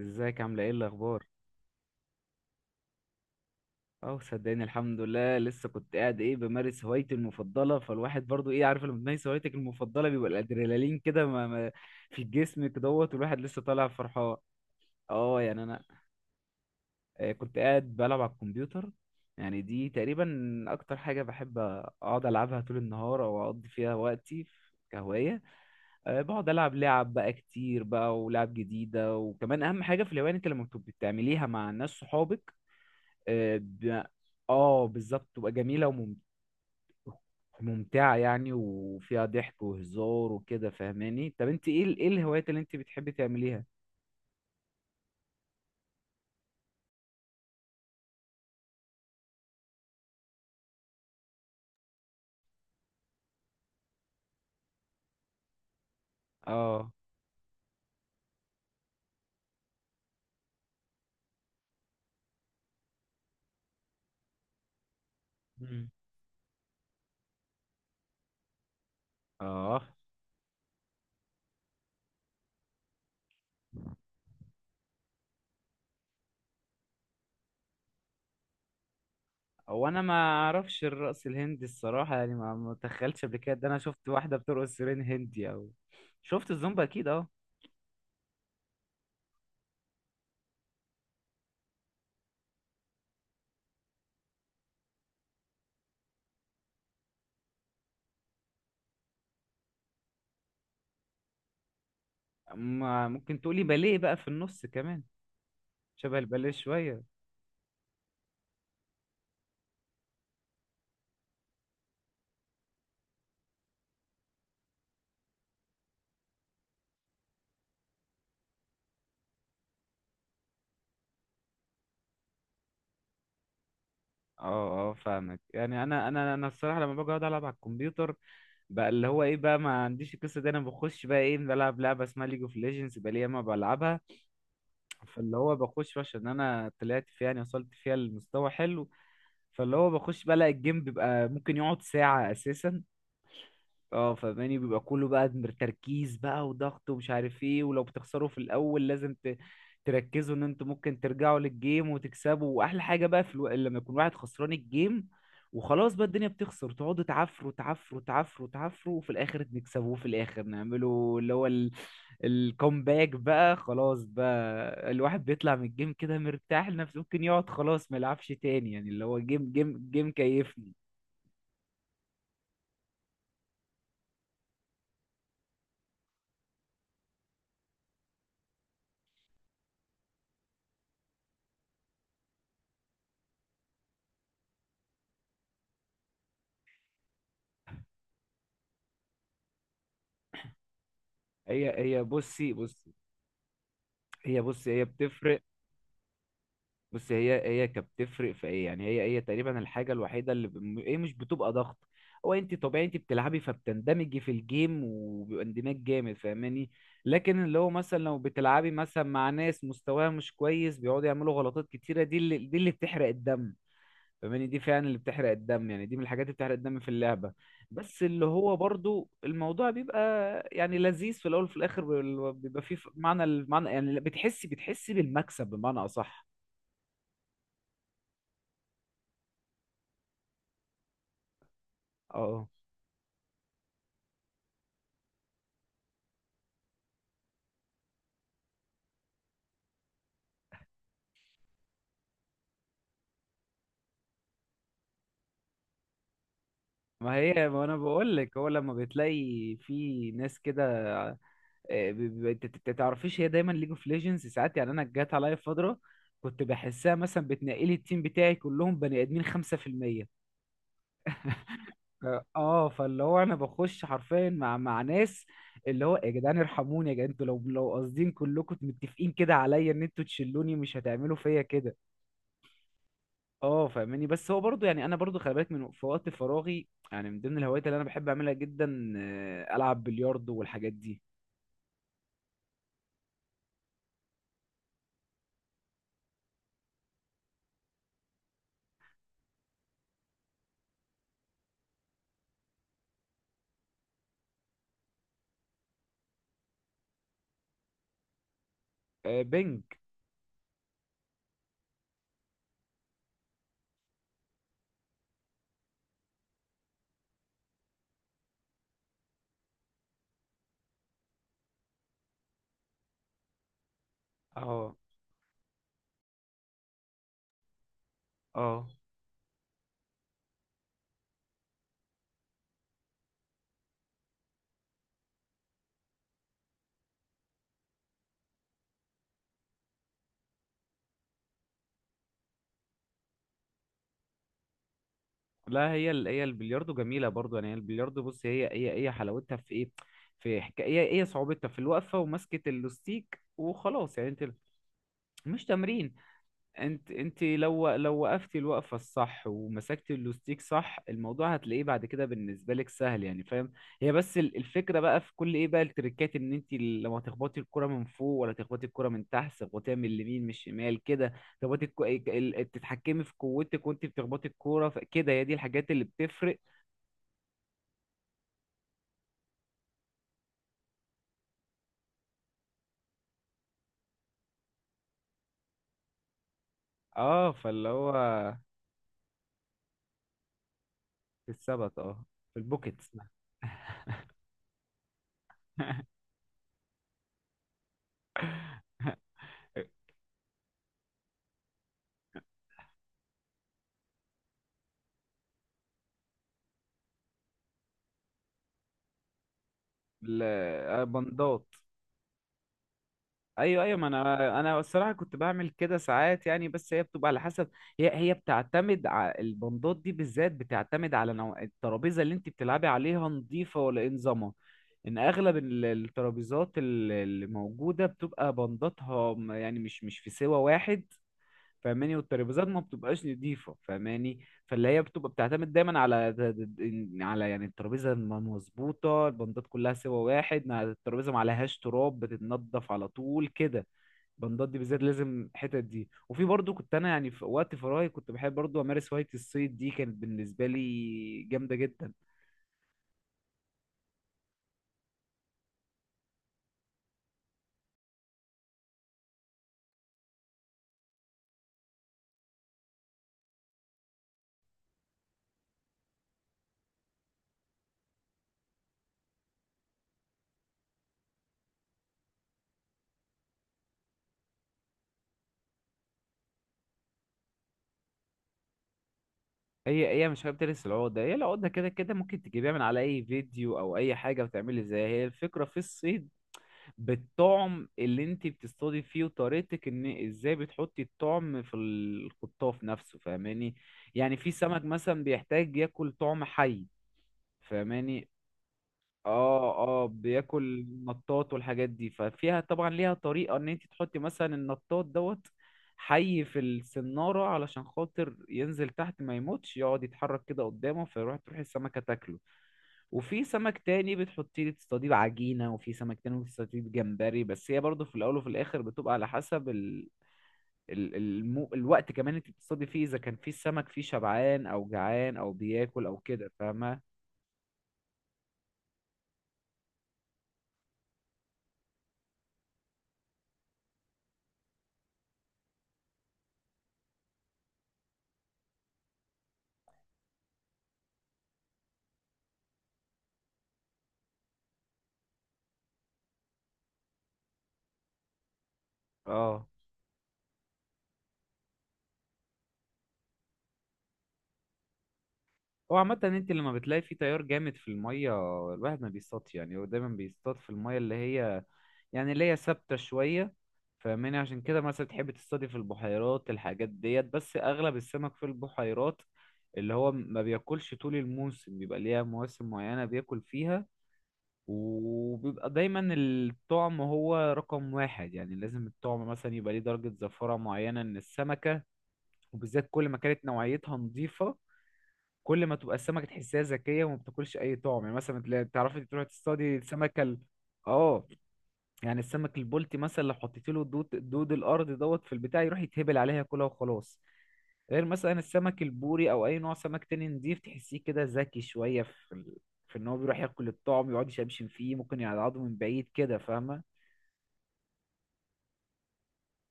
ازيك؟ عامله ايه؟ الاخبار؟ اه صدقني الحمد لله، لسه كنت قاعد بمارس هوايتي المفضله، فالواحد برضو عارف لما تمارس هوايتك المفضله بيبقى الادرينالين كده ما ما في الجسم كدهوت، والواحد لسه طالع فرحان. اه يعني انا كنت قاعد بلعب على الكمبيوتر، يعني دي تقريبا اكتر حاجه بحب اقعد العبها طول النهار او اقضي فيها وقتي كهوايه. أه، بقعد العب لعب بقى كتير بقى، ولعب جديده. وكمان اهم حاجه في الهوايه إن انت لما بتبقي بتعمليها مع ناس صحابك. اه ده- بالظبط تبقى جميله، وممتعه يعني، وفيها ضحك وهزار وكده، فاهماني؟ طب انت ايه ايه الهوايات اللي انت بتحبي تعمليها؟ اه. مم. اه. هو انا ما اعرفش الرقص الهندي الصراحه، يعني ما اتخيلتش قبل كده. ده انا شفت واحده بترقص سيرين هندي او... شفت الزومبا، اكيد اه. ممكن تقولي باليه بقى في النص كمان؟ شبه الباليه شويه. اه اه فاهمك. يعني انا انا الصراحه لما باجي اقعد العب على الكمبيوتر بقى، اللي هو ايه بقى، ما عنديش القصه دي. انا بخش بقى بلعب لعبه اسمها ليج اوف ليجندز بقى، لي ياما بلعبها. فاللي هو بخش عشان انا طلعت فيها، يعني وصلت فيها لمستوى حلو. فاللي هو بخش بقى الاقي الجيم بيبقى ممكن يقعد ساعه اساسا. اه فاهماني؟ بيبقى كله بقى تركيز بقى وضغط، ومش عارف ايه. ولو بتخسروا في الاول لازم تركزوا ان انتوا ممكن ترجعوا للجيم وتكسبوا. واحلى حاجه بقى لما يكون واحد خسران الجيم وخلاص بقى، الدنيا بتخسر، تقعدوا تعفروا تعفروا تعفروا تعفروا، وفي الاخر نكسبوه، في الاخر نعملوا اللي هو الكومباك بقى. خلاص بقى الواحد بيطلع من الجيم كده مرتاح لنفسه، ممكن يقعد خلاص ما يلعبش تاني، يعني اللي هو جيم جيم جيم كيفني. هي هي بصي بصي هي بصي هي بتفرق. بص، هي كانت بتفرق في ايه، يعني هي تقريبا الحاجه الوحيده اللي هي مش بتبقى ضغط. هو انت طبيعي انت بتلعبي فبتندمجي في الجيم وبيبقى اندماج جامد، فاهماني؟ لكن اللي هو مثلا لو بتلعبي مثلا مع ناس مستواها مش كويس، بيقعدوا يعملوا غلطات كتيره، دي اللي، دي اللي بتحرق الدم، فاهماني؟ دي فعلا اللي بتحرق الدم، يعني دي من الحاجات اللي بتحرق الدم في اللعبه. بس اللي هو برضو الموضوع بيبقى يعني لذيذ في الاول، وفي الاخر بيبقى فيه معنى، المعنى يعني بتحسي بالمكسب بمعنى اصح. اه، ما هي ما انا بقول لك، هو لما بتلاقي في ناس كده، آه، ب- تعرفيش، هي دايما ليج اوف ليجندز، ساعات يعني انا جات عليا فتره كنت بحسها مثلا بتنقلي التيم بتاعي كلهم بني ادمين 5%. اه فاللي هو انا بخش حرفيا مع ناس، اللي هو يا جدعان ارحموني، يا جدعان انتوا لو قاصدين كلكم متفقين كده عليا ان انتوا تشلوني، مش هتعملوا فيا كده. اه فاهماني؟ بس هو برضو يعني انا برضو خلي بالك، من في وقت فراغي يعني من ضمن الهوايات اللي انا بحب اعملها جدا، العب بلياردو والحاجات دي. بينج. اه اه. لا، هي البلياردو جميله برضو، يعني هي البلياردو بص، هي حلاوتها في ايه، في حكايه هي صعوبتها في الوقفه ومسكه اللوستيك، وخلاص يعني انت... مش تمرين. انت لو وقفتي الوقفه الصح ومسكتي اللوستيك صح، الموضوع هتلاقيه بعد كده بالنسبه لك سهل يعني، فاهم؟ هي بس الفكره بقى في كل ايه بقى، التريكات، ان انت لما تخبطي الكره من فوق، ولا تخبطي الكره من تحت، تخبطيها من اليمين، من الشمال كده، تخبطي تتحكمي في قوتك وانت بتخبطي الكوره. كده هي دي الحاجات اللي بتفرق. اه فاللي هو في السبت، اه، في البوكيتس. بندات. ايوه ايوه، ما انا انا الصراحه كنت بعمل كده ساعات يعني، بس هي بتبقى على حسب. هي بتعتمد على البندات دي بالذات، بتعتمد على نوع الترابيزه اللي انت بتلعبي عليها، نظيفه ولا ايه نظامها. ان اغلب الترابيزات اللي موجوده بتبقى بنداتها يعني مش في سوى واحد، فاهماني؟ والترابيزات ما بتبقاش نضيفة، فاهماني؟ فاللي هي بتبقى بتعتمد دايما على د- على يعني الترابيزة ما مظبوطة البندات كلها سوا واحد، الترابيزة ما عليهاش تراب، بتتنضف على طول كده البندات دي بالذات لازم، الحتت دي. وفي برضو كنت انا يعني في وقت فراغي كنت بحب برضو امارس هواية الصيد، دي كانت بالنسبة لي جامدة جدا. هي مش حابب تلبس العقدة، هي العقدة كده كده ممكن تجيبيها من على اي فيديو او اي حاجة وتعملي زيها. هي الفكرة في الصيد بالطعم اللي انت بتصطادي فيه، وطريقتك ان ازاي بتحطي الطعم في الخطاف نفسه، فاهماني؟ يعني في سمك مثلا بيحتاج ياكل طعم حي، فاهماني؟ اه، اه، بياكل النطاط والحاجات دي، ففيها طبعا ليها طريقة، ان انت تحطي مثلا النطاط دوت حي في السنارة علشان خاطر ينزل تحت ما يموتش، يقعد يتحرك كده قدامه فيروح تروح السمكة تاكله. وفي سمك تاني بتحطيه تصطاديه بعجينة، وفي سمك تاني بتصطاديه بجمبري. بس هي برضه في الأول وفي الآخر بتبقى على حسب الوقت كمان انت بتصطادي فيه، إذا كان في السمك فيه شبعان أو جعان أو بياكل أو كده، فاهمة؟ اه. هو عامة انت لما بتلاقي في تيار جامد في المية الواحد ما بيصطادش، يعني هو دايما بيصطاد في المية اللي هي يعني اللي هي ثابتة شوية، فاهماني؟ عشان كده مثلا تحب تصطادي في البحيرات الحاجات ديت، بس اغلب السمك في البحيرات اللي هو ما بياكلش طول الموسم، بيبقى ليها مواسم معينة بياكل فيها. وبيبقى دايما الطعم هو رقم واحد، يعني لازم الطعم مثلا يبقى ليه درجة زفرة معينة من السمكة، وبالذات كل ما كانت نوعيتها نظيفة. كل ما تبقى السمكه تحسها ذكيه وما بتاكلش اي طعم، يعني مثلا تعرفي تروحي تصطادي السمكه اه، يعني السمك البلطي مثلا لو حطيت له دود، دود الارض دوت في البتاع، يروح يتهبل عليها ياكلها وخلاص. غير مثلا السمك البوري او اي نوع سمك تاني نضيف، تحسيه كده ذكي شويه في ان هو بيروح ياكل الطعم يقعد يشمشم فيه، ممكن يقعده من بعيد كده، فاهمه؟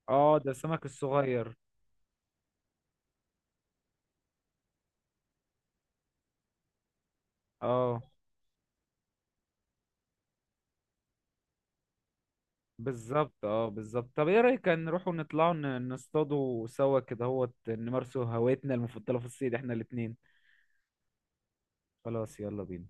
اه، ده السمك الصغير. اه بالظبط، اه بالظبط. طب ايه رأيك نروحوا نطلعوا نصطادوا سوا كده، هو نمارسوا هوايتنا المفضلة في الصيد احنا الاتنين؟ خلاص يلا بينا.